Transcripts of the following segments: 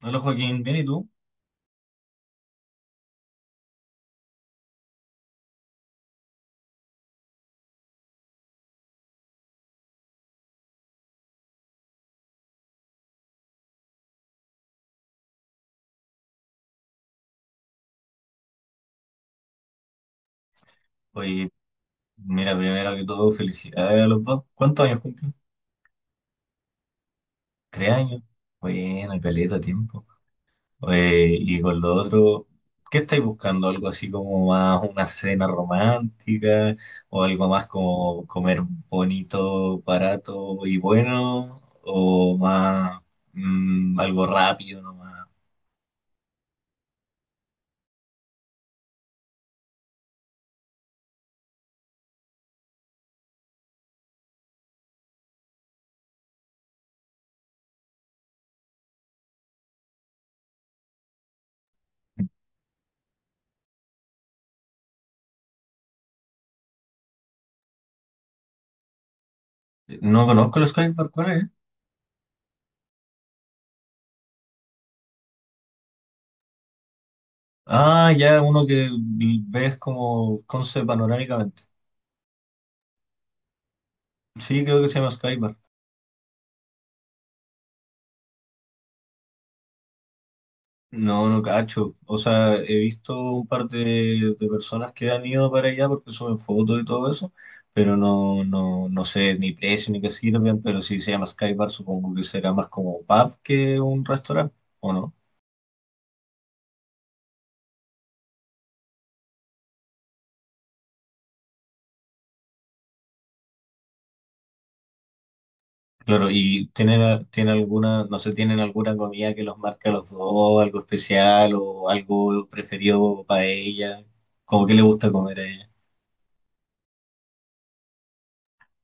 Hola Joaquín, ¿bien y tú? Oye, mira, primero que todo, felicidades a los dos. ¿Cuántos años cumplen? Tres años. Buena, caleta, tiempo. Oye, y con lo otro, ¿qué estáis buscando? ¿Algo así como más una cena romántica? ¿O algo más como comer bonito, barato y bueno? ¿O más algo rápido nomás? No conozco los Skybar, ¿cuál es? Ah, ya, uno que ves como concept panorámicamente. Sí, creo que se llama Skybar. No, no cacho. O sea, he visto un par de personas que han ido para allá porque suben fotos y todo eso, pero no, no, no sé ni precio ni qué sirven, pero si se llama Skybar supongo que será más como un pub que un restaurante, ¿o no? Claro, y tienen, tiene alguna, no sé, tienen alguna comida que los marca a los dos, algo especial o algo preferido para ella, como que le gusta comer a ella.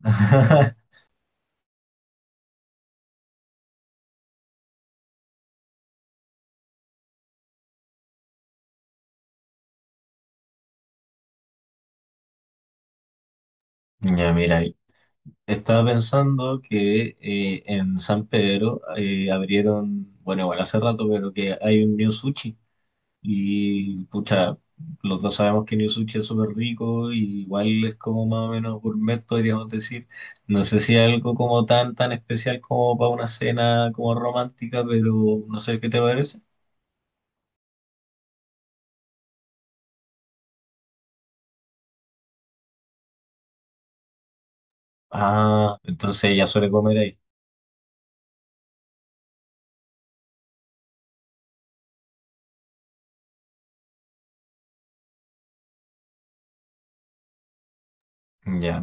Ya, mira, estaba pensando que en San Pedro abrieron, bueno, igual hace rato, pero que hay un New Sushi. Y pucha, los dos sabemos que New Sushi es súper rico y igual es como más o menos gourmet, podríamos decir. No sé si algo como tan, tan especial como para una cena como romántica, pero no sé qué te parece. Ah, entonces ella suele comer ahí. Ya,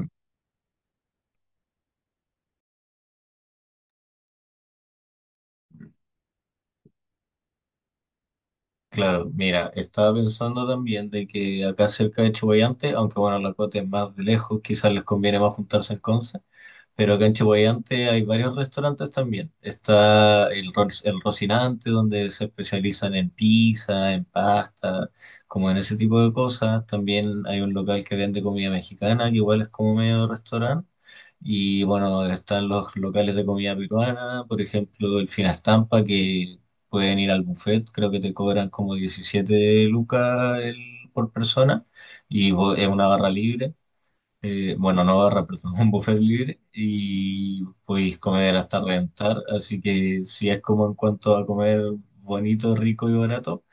claro, mira, estaba pensando también de que acá cerca de Chuballante, aunque bueno, la cuota es más de lejos, quizás les conviene más juntarse en Conce. Pero acá en Chihuayante hay varios restaurantes también. Está el, Ro- el Rocinante, donde se especializan en pizza, en pasta, como en ese tipo de cosas. También hay un local que vende comida mexicana, que igual es como medio restaurante. Y bueno, están los locales de comida peruana, por ejemplo, el Finastampa, que pueden ir al buffet, creo que te cobran como 17 lucas el- por persona, y vo- es una barra libre, bueno, no barra, perdón, un buffet libre y podéis comer hasta reventar. Así que si es como en cuanto a comer bonito, rico y barato,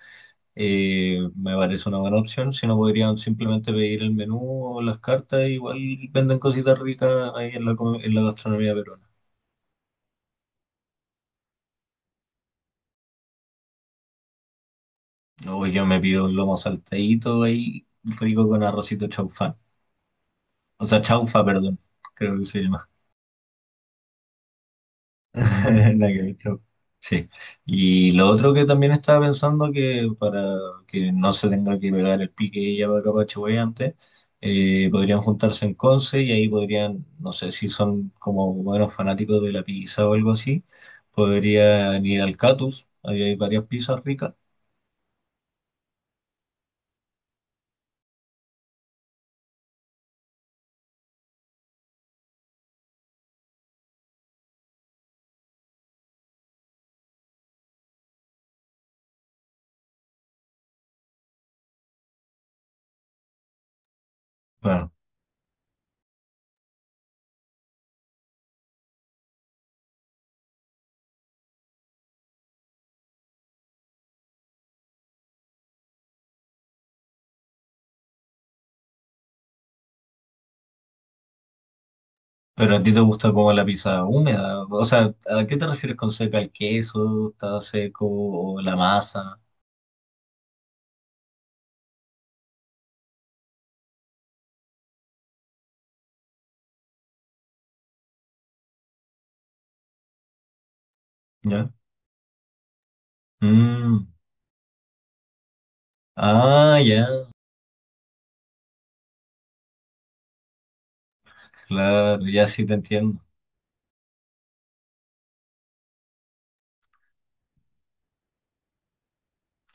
me parece una buena opción. Si no, podrían simplemente pedir el menú o las cartas. Igual venden cositas ricas ahí en la, co- en la gastronomía peruana. Luego yo me pido un lomo saltadito ahí, rico con arrocito chaufán. O sea, chaufa, perdón, creo que se llama. Nada que ver, chao. Sí. Y lo otro que también estaba pensando que para que no se tenga que pegar el pique ella para acá para Chihuahua antes, podrían juntarse en Conce y ahí podrían, no sé si son como buenos fanáticos de la pizza o algo así, podrían ir al Catus, ahí hay varias pizzas ricas. Bueno, pero a ti te gusta como la pizza húmeda, o sea, ¿a qué te refieres con seca? ¿El queso está seco o la masa? ¿Ya? Mm. Ah, ya. Claro, ya sí te entiendo.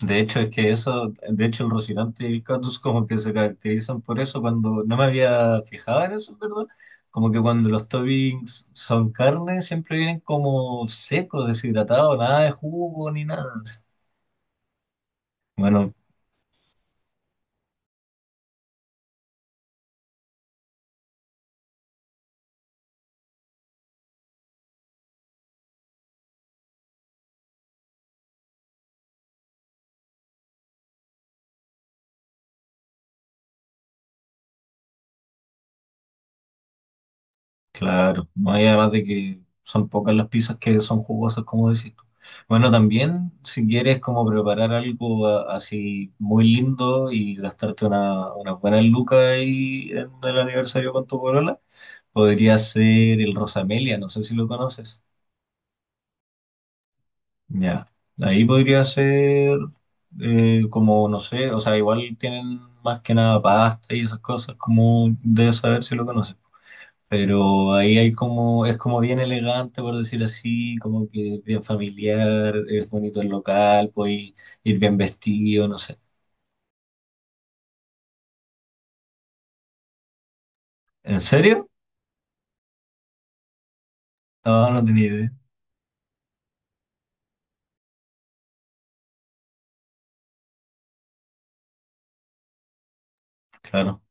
De hecho, es que eso, de hecho, el Rocinante y el Catus como que se caracterizan por eso cuando no me había fijado en eso, ¿verdad? Como que cuando los toppings son carne, siempre vienen como secos, deshidratados, nada de jugo ni nada. Bueno, claro, no hay, además de que son pocas las pizzas que son jugosas, como decís tú. Bueno, también si quieres como preparar algo a- así muy lindo y gastarte una buena luca ahí en el aniversario con tu polola, podría ser el Rosamelia, no sé si lo conoces. Ya, ahí podría ser, como, no sé, o sea, igual tienen más que nada pasta y esas cosas, como debes saber si lo conoces. Pero ahí hay como, es como bien elegante, por decir así, como que bien familiar, es bonito el local, puedes ir bien vestido, no sé. ¿En serio? No, no tenía idea. Claro,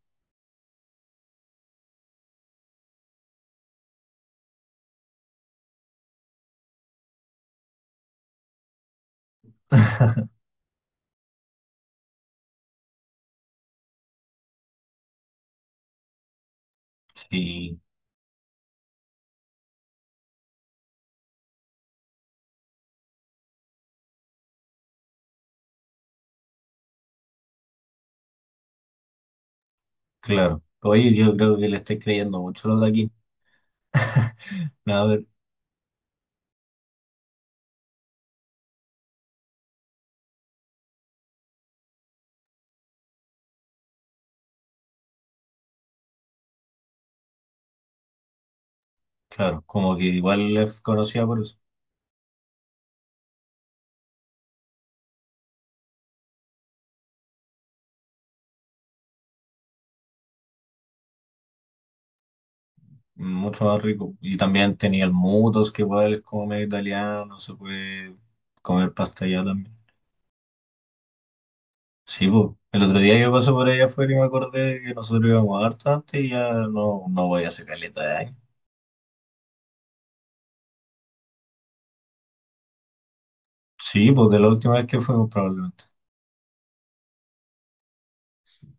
sí, claro. Oye, yo creo que le estoy creyendo mucho lo de aquí. A ver, claro, como que igual es conocida por eso, mucho más rico. Y también tenía el Mutos, que igual es como medio italiano, se puede comer pasta allá también. Sí, po. El otro día yo pasé por allá afuera y me acordé que nosotros íbamos harto antes y ya no, no voy a hacer caleta de años. Sí, porque la última vez que fuimos probablemente.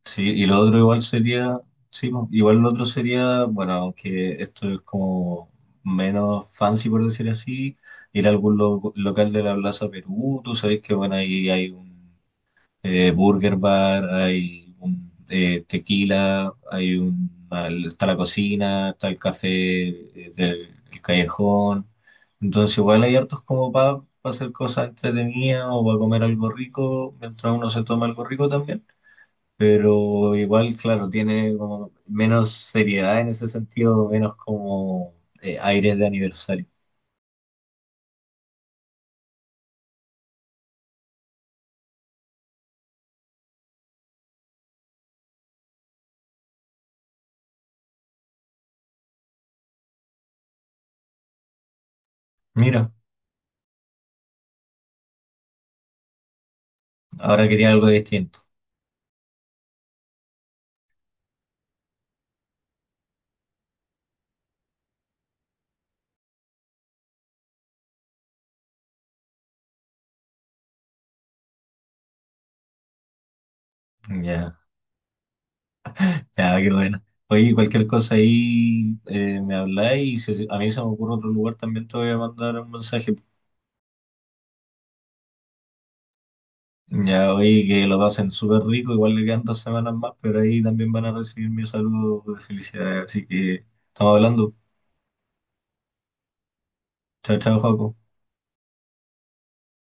Sí, y lo otro igual sería, sí, po, igual lo otro sería, bueno, aunque esto es como menos fancy por decir así, ir a algún lo- local de la Plaza Perú, tú sabes que bueno, ahí hay un, Burger Bar, hay un, tequila, hay un, está la cocina, está el café, del el callejón. Entonces igual hay hartos como para hacer cosas entretenidas o para comer algo rico, mientras uno se toma algo rico también. Pero igual, claro, tiene como menos seriedad en ese sentido, menos como aires de aniversario. Mira, ahora quería algo distinto. Ya. Ya, qué bueno. Oye, cualquier cosa ahí me habláis y si a mí se me ocurre otro lugar también te voy a mandar un mensaje. Ya, oye, que lo pasen súper rico, igual le quedan 2 semanas más, pero ahí también van a recibir mi saludo de felicidad. Así que estamos hablando. Chao, chao, Joaco.